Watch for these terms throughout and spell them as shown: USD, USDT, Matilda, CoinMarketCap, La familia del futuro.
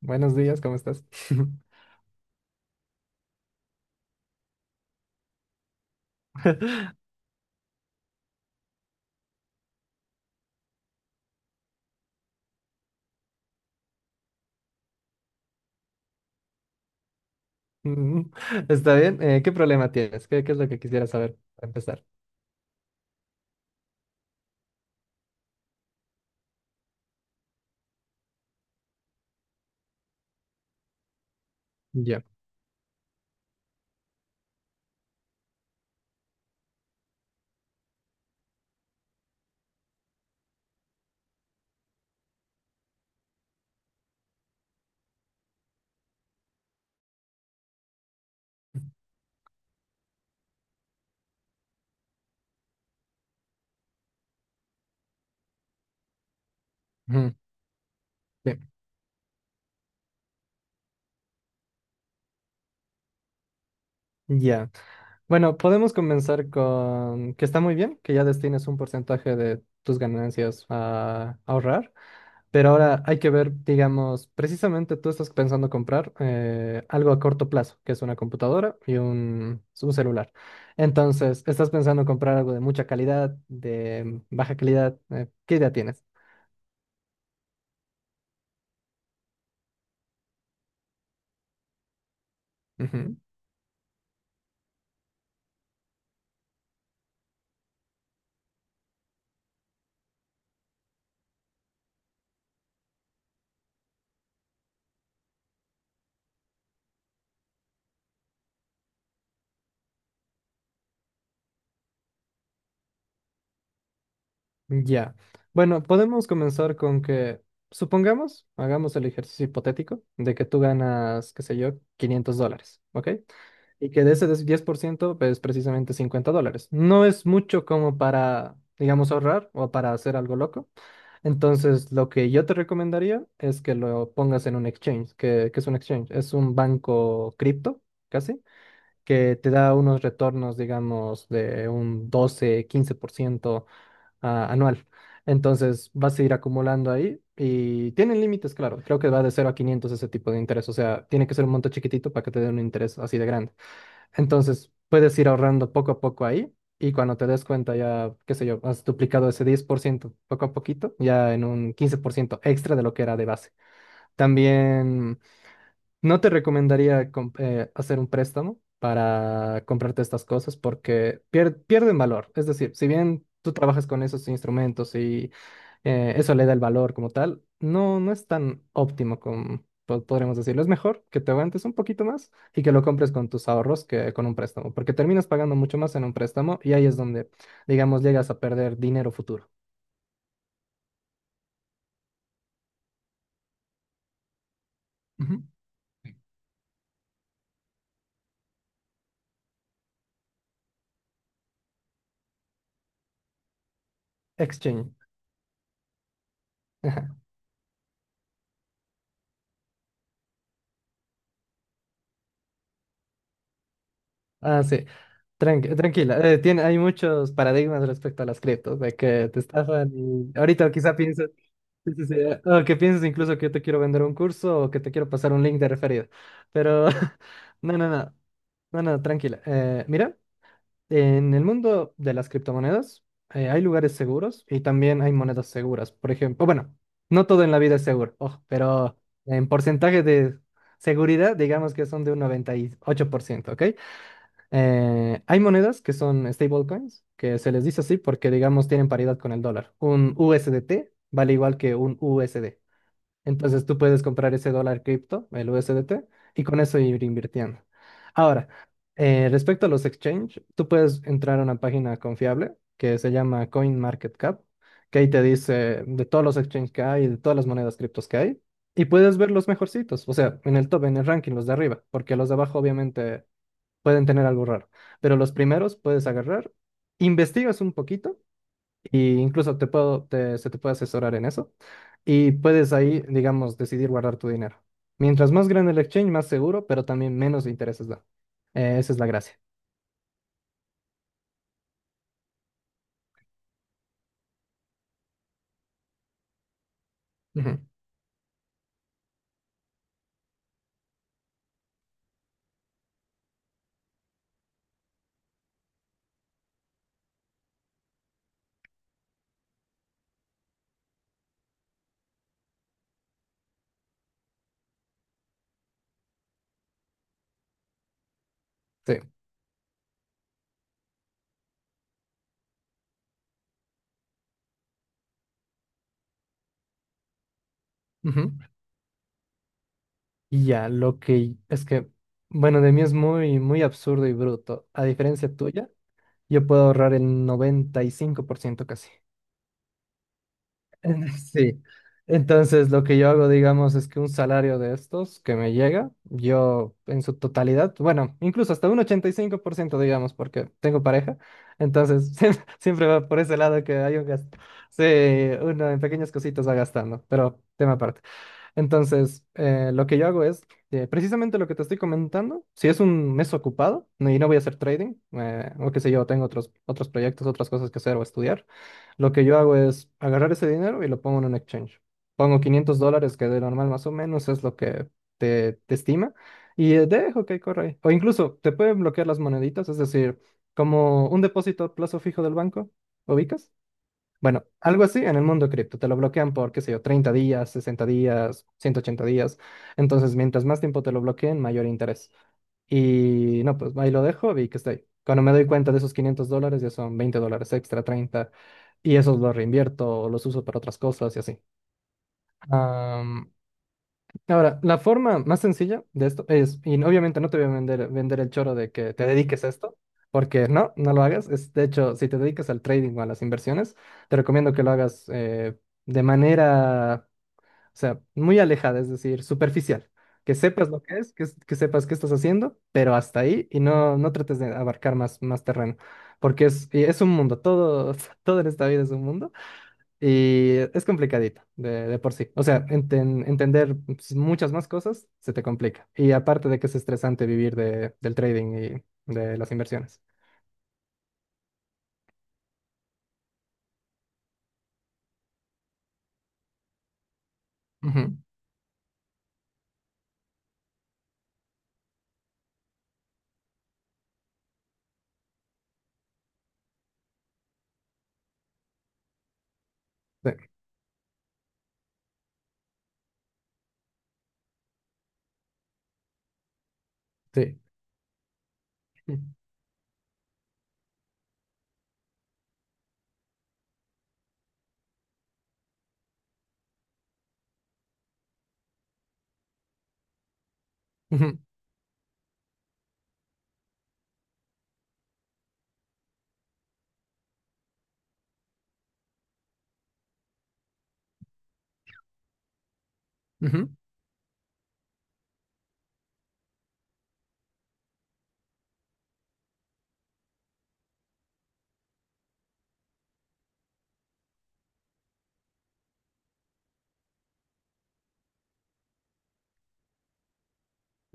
Buenos días, ¿cómo estás? Mm. Está bien. ¿Qué problema tienes? ¿Qué es lo que quisiera saber para empezar? Ya. Ujú, bien. Ya. Bueno, podemos comenzar con que está muy bien que ya destines un porcentaje de tus ganancias a ahorrar, pero ahora hay que ver, digamos, precisamente tú estás pensando comprar algo a corto plazo, que es una computadora y un celular. Entonces, estás pensando comprar algo de mucha calidad, de baja calidad. ¿Qué idea tienes? Ujú. Ya. Bueno, podemos comenzar con que, supongamos, hagamos el ejercicio hipotético de que tú ganas, qué sé yo, 500 dólares, ¿ok? Y que de ese 10% es precisamente 50 dólares. No es mucho como para, digamos, ahorrar o para hacer algo loco. Entonces, lo que yo te recomendaría es que lo pongas en un exchange. Que es un exchange? Es un banco cripto, casi, que te da unos retornos, digamos, de un doce quince por ciento anual. Entonces vas a ir acumulando ahí y tienen límites, claro. Creo que va de cero a 500 ese tipo de interés. O sea, tiene que ser un monto chiquitito para que te den un interés así de grande. Entonces puedes ir ahorrando poco a poco ahí y cuando te des cuenta ya, qué sé yo, has duplicado ese 10% poco a poquito, ya en un 15% extra de lo que era de base. También no te recomendaría hacer un préstamo para comprarte estas cosas porque pierden valor. Es decir, si bien tú trabajas con esos instrumentos, eso le da el valor como tal. No, no es tan óptimo como podríamos decirlo. Es mejor que te aguantes un poquito más y que lo compres con tus ahorros que con un préstamo, porque terminas pagando mucho más en un préstamo y ahí es donde, digamos, llegas a perder dinero futuro. Ujú. Exchange. Ajá. Ah, sí. Tranquila. Hay muchos paradigmas respecto a las criptos, de que te estafan y ahorita quizá piensas. Sí, sí, sí. O que pienses incluso que yo te quiero vender un curso o que te quiero pasar un link de referido. Pero no, no, no. No, no, tranquila. Mira, en el mundo de las criptomonedas hay lugares seguros y también hay monedas seguras. Por ejemplo, bueno, no todo en la vida es seguro, ojo, pero en porcentaje de seguridad, digamos que son de un 98%, ¿ok? Hay monedas que son stablecoins, que se les dice así porque, digamos, tienen paridad con el dólar. Un USDT vale igual que un USD. Entonces tú puedes comprar ese dólar cripto, el USDT, y con eso ir invirtiendo. Ahora, respecto a los exchange, tú puedes entrar a una página confiable que se llama CoinMarketCap, que ahí te dice de todos los exchange que hay, de todas las monedas criptos que hay, y puedes ver los mejorcitos, o sea, en el top, en el ranking, los de arriba, porque los de abajo obviamente pueden tener algo raro, pero los primeros puedes agarrar, investigas un poquito y incluso se te puede asesorar en eso. Y puedes ahí, digamos, decidir guardar tu dinero. Mientras más grande el exchange, más seguro, pero también menos intereses da. Esa es la gracia. Ujú. Sí. Ujú. Y ya, lo que es que, bueno, de mí es muy, muy absurdo y bruto. A diferencia tuya, yo puedo ahorrar el 95% casi. Sí. Entonces, lo que yo hago, digamos, es que un salario de estos que me llega, yo en su totalidad, bueno, incluso hasta un 85%, digamos, porque tengo pareja, entonces siempre, siempre va por ese lado que hay un gasto. Sí, uno en pequeñas cositas va gastando, pero tema aparte. Entonces, lo que yo hago es precisamente lo que te estoy comentando. Si es un mes ocupado y no voy a hacer trading, o qué sé yo, tengo otros proyectos, otras cosas que hacer o estudiar, lo que yo hago es agarrar ese dinero y lo pongo en un exchange. Pongo 500 dólares, que de normal más o menos es lo que te estima, y dejo que corra ahí. O incluso te pueden bloquear las moneditas, es decir, como un depósito a plazo fijo del banco, ¿ubicas? Bueno, algo así en el mundo cripto. Te lo bloquean por, qué sé yo, 30 días, 60 días, 180 días. Entonces, mientras más tiempo te lo bloqueen, mayor interés. Y no, pues ahí lo dejo y que estoy. Cuando me doy cuenta de esos 500 dólares, ya son 20 dólares extra, treinta. Y esos los reinvierto o los uso para otras cosas y así. Ahora, la forma más sencilla de esto es, y obviamente no te voy a vender el choro de que te dediques a esto, porque no, no lo hagas. Es, de hecho, si te dedicas al trading o a las inversiones, te recomiendo que lo hagas de manera, o sea, muy alejada, es decir, superficial. Que sepas lo que es, que sepas qué estás haciendo, pero hasta ahí y no, no trates de abarcar más, más terreno, porque es, y es un mundo, todo, todo en esta vida es un mundo. Y es complicadito de por sí. O sea, entender pues, muchas más cosas se te complica. Y aparte de que es estresante vivir del trading y de las inversiones. Ujú. Sí. Sí. Ujú, ujú.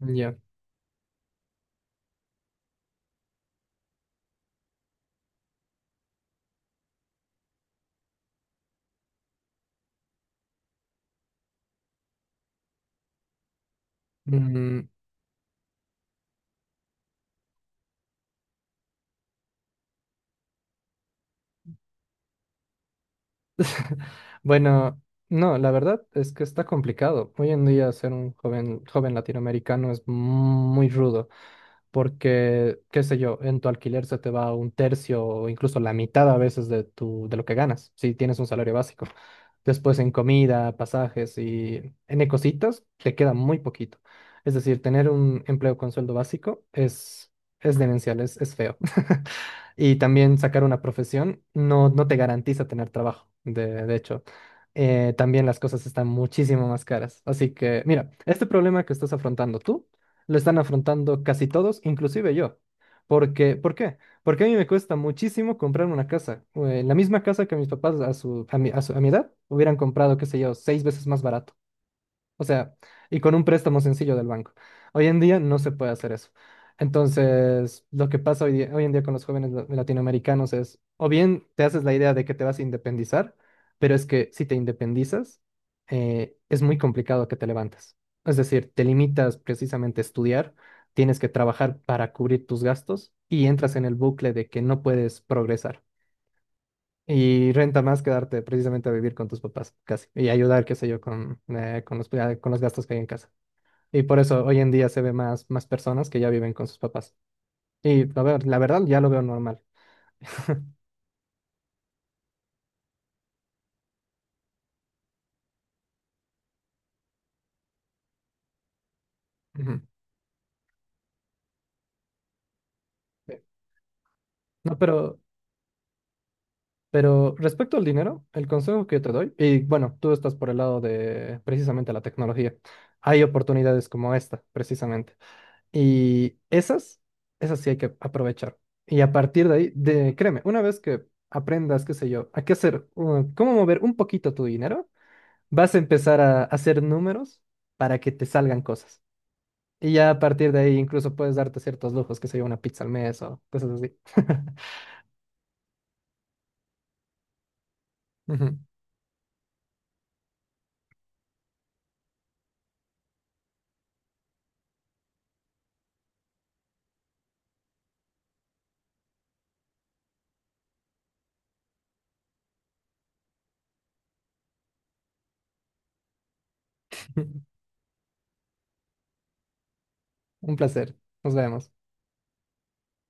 Ya. Mm. Bueno, no, la verdad es que está complicado. Hoy en día ser un joven latinoamericano es muy rudo. Porque, qué sé yo, en tu alquiler se te va un tercio o incluso la mitad a veces de lo que ganas, si tienes un salario básico. Después en comida, pasajes y en cositas, te queda muy poquito. Es decir, tener un empleo con sueldo básico es demencial, es feo. Y también sacar una profesión no, no te garantiza tener trabajo, de hecho. También las cosas están muchísimo más caras. Así que, mira, este problema que estás afrontando tú, lo están afrontando casi todos, inclusive yo. Porque, ¿por qué? Porque a mí me cuesta muchísimo comprar una casa. La misma casa que mis papás a mi edad hubieran comprado, qué sé yo, seis veces más barato. O sea, y con un préstamo sencillo del banco. Hoy en día no se puede hacer eso. Entonces, lo que pasa hoy en día con los jóvenes latinoamericanos es, o bien te haces la idea de que te vas a independizar, pero es que si te independizas, es muy complicado que te levantes. Es decir, te limitas precisamente a estudiar, tienes que trabajar para cubrir tus gastos y entras en el bucle de que no puedes progresar. Y renta más quedarte precisamente a vivir con tus papás, casi, y ayudar, qué sé yo, con los gastos que hay en casa. Y por eso hoy en día se ve más, más personas que ya viven con sus papás. Y a ver, la verdad ya lo veo normal. Ujú. Sí. No, pero respecto al dinero, el consejo que yo te doy, y bueno, tú estás por el lado de precisamente la tecnología, hay oportunidades como esta, precisamente. Y esas, esas sí hay que aprovechar. Y a partir de ahí, de, créeme, una vez que aprendas, qué sé yo, a qué hacer, cómo mover un poquito tu dinero, vas a empezar a hacer números para que te salgan cosas. Y ya a partir de ahí incluso puedes darte ciertos lujos, qué sé yo, una pizza al mes o cosas así. Ujú. Un placer. Nos vemos.